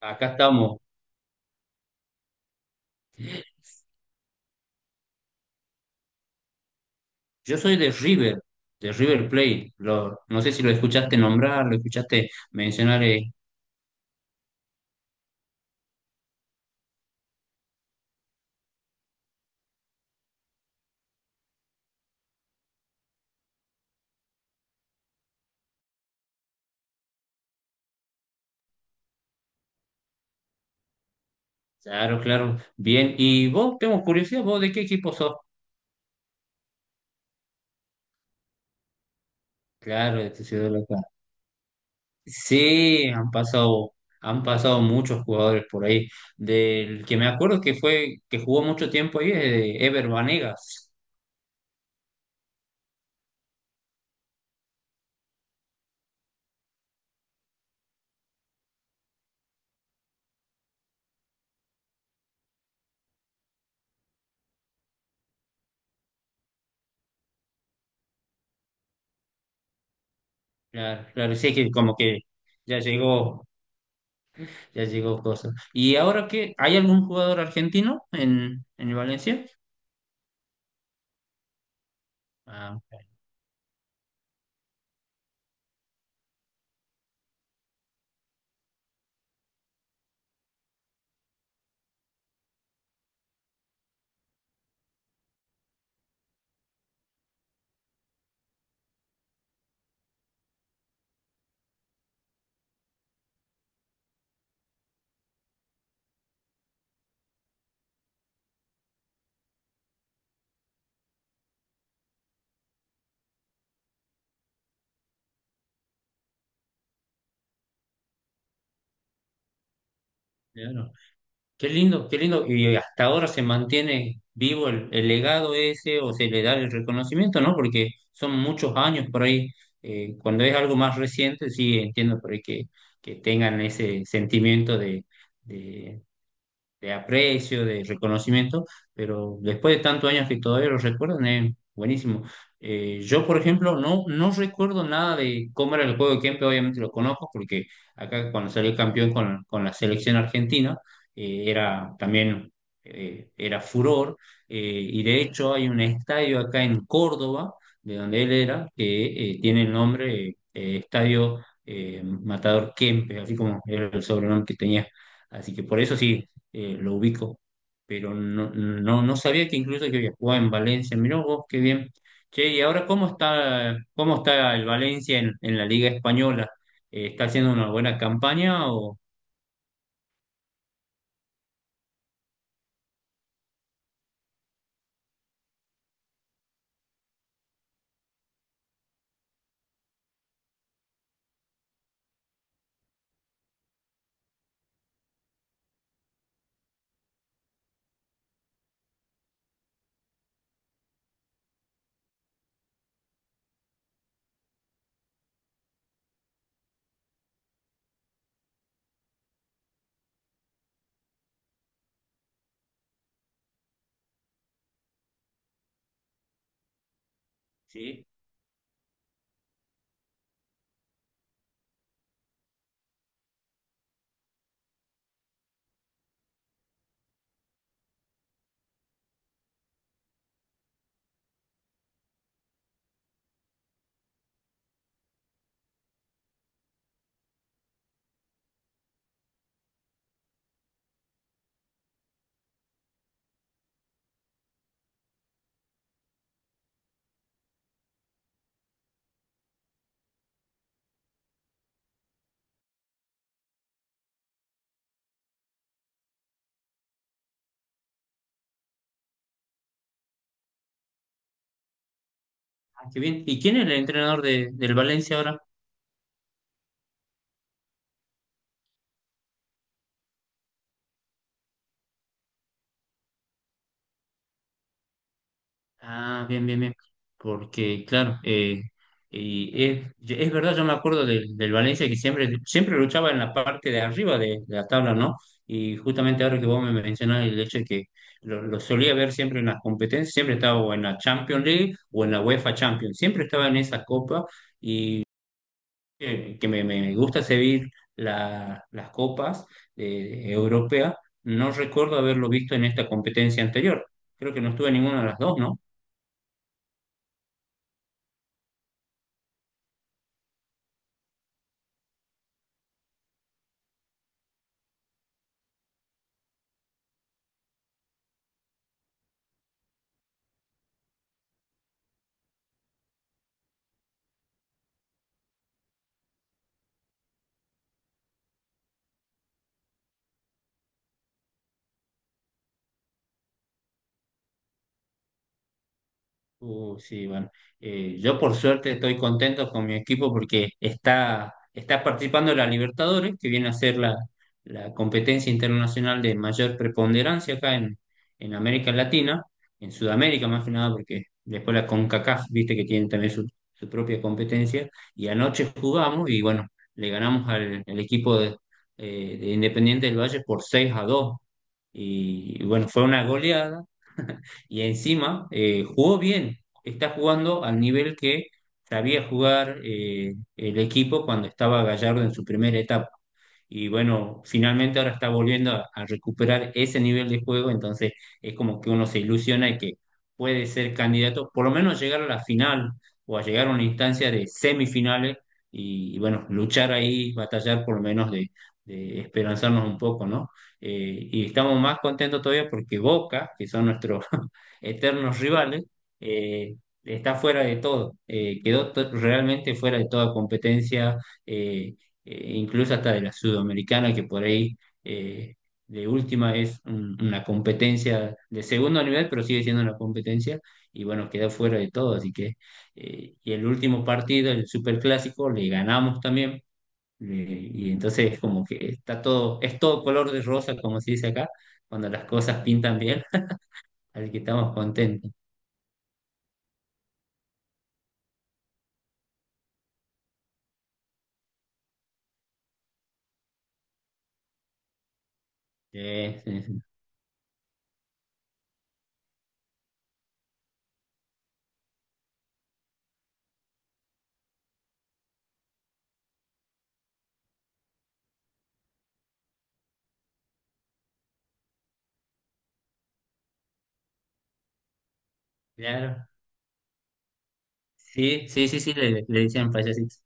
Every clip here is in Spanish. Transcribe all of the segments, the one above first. Acá estamos. Yo soy de River Plate. No sé si lo escuchaste nombrar, lo escuchaste mencionar. Claro, claro. Bien. ¿Y vos? Tengo curiosidad, ¿vos de qué equipo sos? Claro, de tu ciudad local. Sí, han pasado muchos jugadores por ahí. Del que me acuerdo que jugó mucho tiempo ahí, es de Ever Vanegas. Claro, claro, sí, que como que ya llegó, ya llegó cosas. ¿Y ahora qué? ¿Hay algún jugador argentino en el Valencia? Ah. Claro. Qué lindo, qué lindo. Y hasta ahora se mantiene vivo el legado ese o se le da el reconocimiento, ¿no? Porque son muchos años por ahí. Cuando es algo más reciente, sí entiendo por ahí que tengan ese sentimiento de aprecio, de reconocimiento, pero después de tantos años que todavía lo recuerdan, es buenísimo. Yo, por ejemplo, no, no recuerdo nada de cómo era el juego de Kempe, obviamente lo conozco, porque acá cuando salió campeón con la selección argentina, eh, era también, era furor, y de hecho hay un estadio acá en Córdoba, de donde él era, que tiene el nombre Estadio Matador Kempe, así como era el sobrenombre que tenía. Así que por eso sí, lo ubico, pero no, no, no sabía que incluso que había jugado en Valencia. Mirá vos, qué bien. Che, y ahora, ¿cómo está el Valencia en la Liga Española? ¿Está haciendo una buena campaña o sí? Ah, qué bien. ¿Y quién es el entrenador del Valencia ahora? Ah, bien, bien, bien. Porque, claro, y es verdad, yo me acuerdo del Valencia que siempre, siempre luchaba en la parte de arriba de la tabla, ¿no? Y justamente ahora que vos me mencionás el hecho de que lo solía ver siempre en las competencias, siempre estaba o en la Champions League o en la UEFA Champions, siempre estaba en esa copa y que me gusta seguir las copas europeas, no recuerdo haberlo visto en esta competencia anterior. Creo que no estuve en ninguna de las dos, ¿no? Sí, bueno, yo por suerte estoy contento con mi equipo porque está participando en la Libertadores, que viene a ser la competencia internacional de mayor preponderancia acá en América Latina, en Sudamérica más que nada, porque después la CONCACAF, viste que tiene también su propia competencia, y anoche jugamos y bueno, le ganamos al equipo de Independiente del Valle por 6-2 y bueno, fue una goleada y encima jugó bien, está jugando al nivel que sabía jugar el equipo cuando estaba Gallardo en su primera etapa. Y bueno, finalmente ahora está volviendo a recuperar ese nivel de juego, entonces es como que uno se ilusiona y que puede ser candidato, por lo menos llegar a la final o a llegar a una instancia de semifinales y bueno, luchar ahí, batallar por lo menos de esperanzarnos un poco, ¿no? Y estamos más contentos todavía porque Boca, que son nuestros eternos rivales, eh, está fuera de todo, quedó realmente fuera de toda competencia. eh, Incluso hasta de la sudamericana, que por ahí eh, de última es una competencia de segundo nivel, pero sigue siendo una competencia, y bueno, queda fuera de todo, así que, y el último partido, el Superclásico, le ganamos también, y entonces como que está todo, es todo color de rosa, como se dice acá, cuando las cosas pintan bien, así que estamos contentos. Sí, sí, sí. Claro. Sí, sí, sí, sí, le dicen payasitos.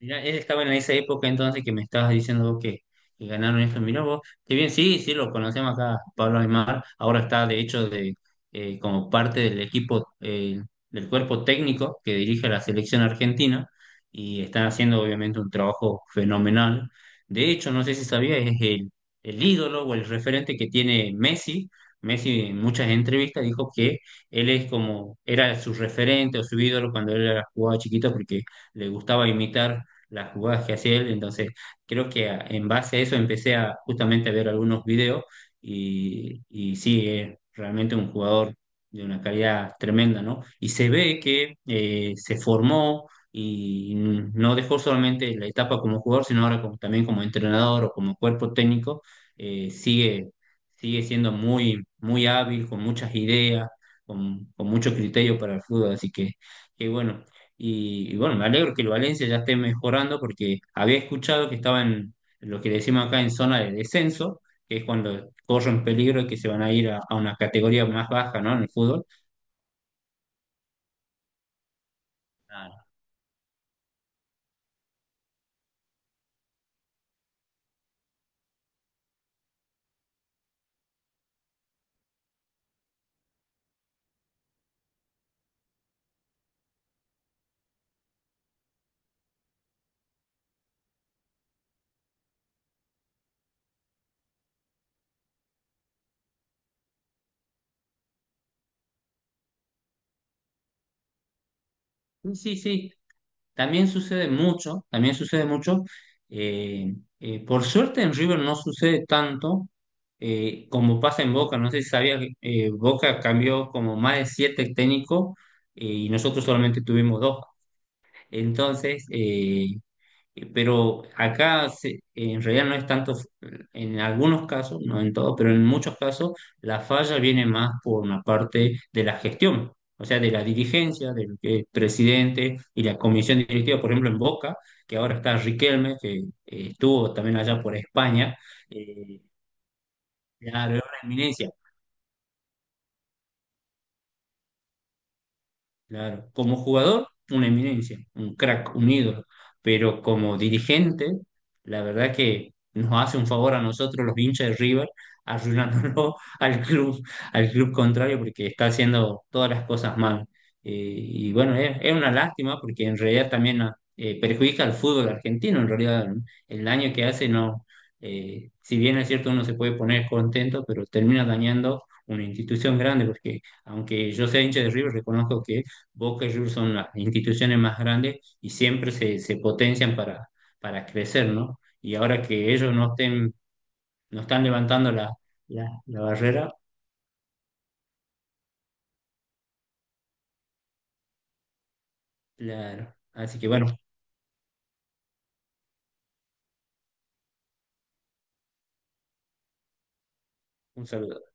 Mirá, él estaba en esa época entonces que me estabas diciendo vos que ganaron esto. Mirá vos, qué bien, sí, sí, lo conocemos acá, Pablo Aymar. Ahora está, de hecho, como parte del equipo, del cuerpo técnico que dirige la selección argentina y están haciendo obviamente un trabajo fenomenal. De hecho, no sé si sabía, es el ídolo o el referente que tiene Messi. Messi en muchas entrevistas dijo que él es como, era su referente o su ídolo cuando él era jugaba chiquito porque le gustaba imitar las jugadas que hacía él. Entonces, creo que en base a eso empecé a justamente a ver algunos videos y sí, es realmente un jugador de una calidad tremenda, ¿no? Y se ve que se formó y no dejó solamente la etapa como jugador, sino ahora también como entrenador o como cuerpo técnico, eh, sigue, sigue siendo muy, muy hábil, con muchas ideas, con mucho criterio para el fútbol. Así que bueno, y bueno, me alegro que el Valencia ya esté mejorando porque había escuchado que estaba en lo que decimos acá en zona de descenso, que es cuando corren peligro y que se van a ir a una categoría más baja, ¿no? En el fútbol. Ah, sí, sí, sí. También sucede mucho, también sucede mucho. Eh, por suerte en River no sucede tanto como pasa en Boca. No sé si sabías, Boca cambió como más de 7 técnicos y nosotros solamente tuvimos dos. Entonces, pero acá en realidad no es tanto, en algunos casos, no en todos, pero en muchos casos la falla viene más por una parte de la gestión, o sea, de la dirigencia, del que el presidente y la comisión directiva, por ejemplo, en Boca, que ahora está Riquelme, que estuvo también allá por España, eh, claro, es una eminencia. Claro, como jugador, una eminencia, un crack, un ídolo, pero como dirigente, la verdad que nos hace un favor a nosotros, los hinchas de River, arruinándolo al club contrario, porque está haciendo todas las cosas mal. Y bueno, es una lástima porque en realidad también ah, perjudica al fútbol argentino, en realidad ¿no? El daño que hace no, si bien es cierto uno se puede poner contento, pero termina dañando una institución grande, porque aunque yo sea hincha de River, reconozco que Boca y River son las instituciones más grandes y siempre se potencian para crecer, ¿no? Y ahora que ellos no estén, no están levantando la barrera, así que bueno, un saludo.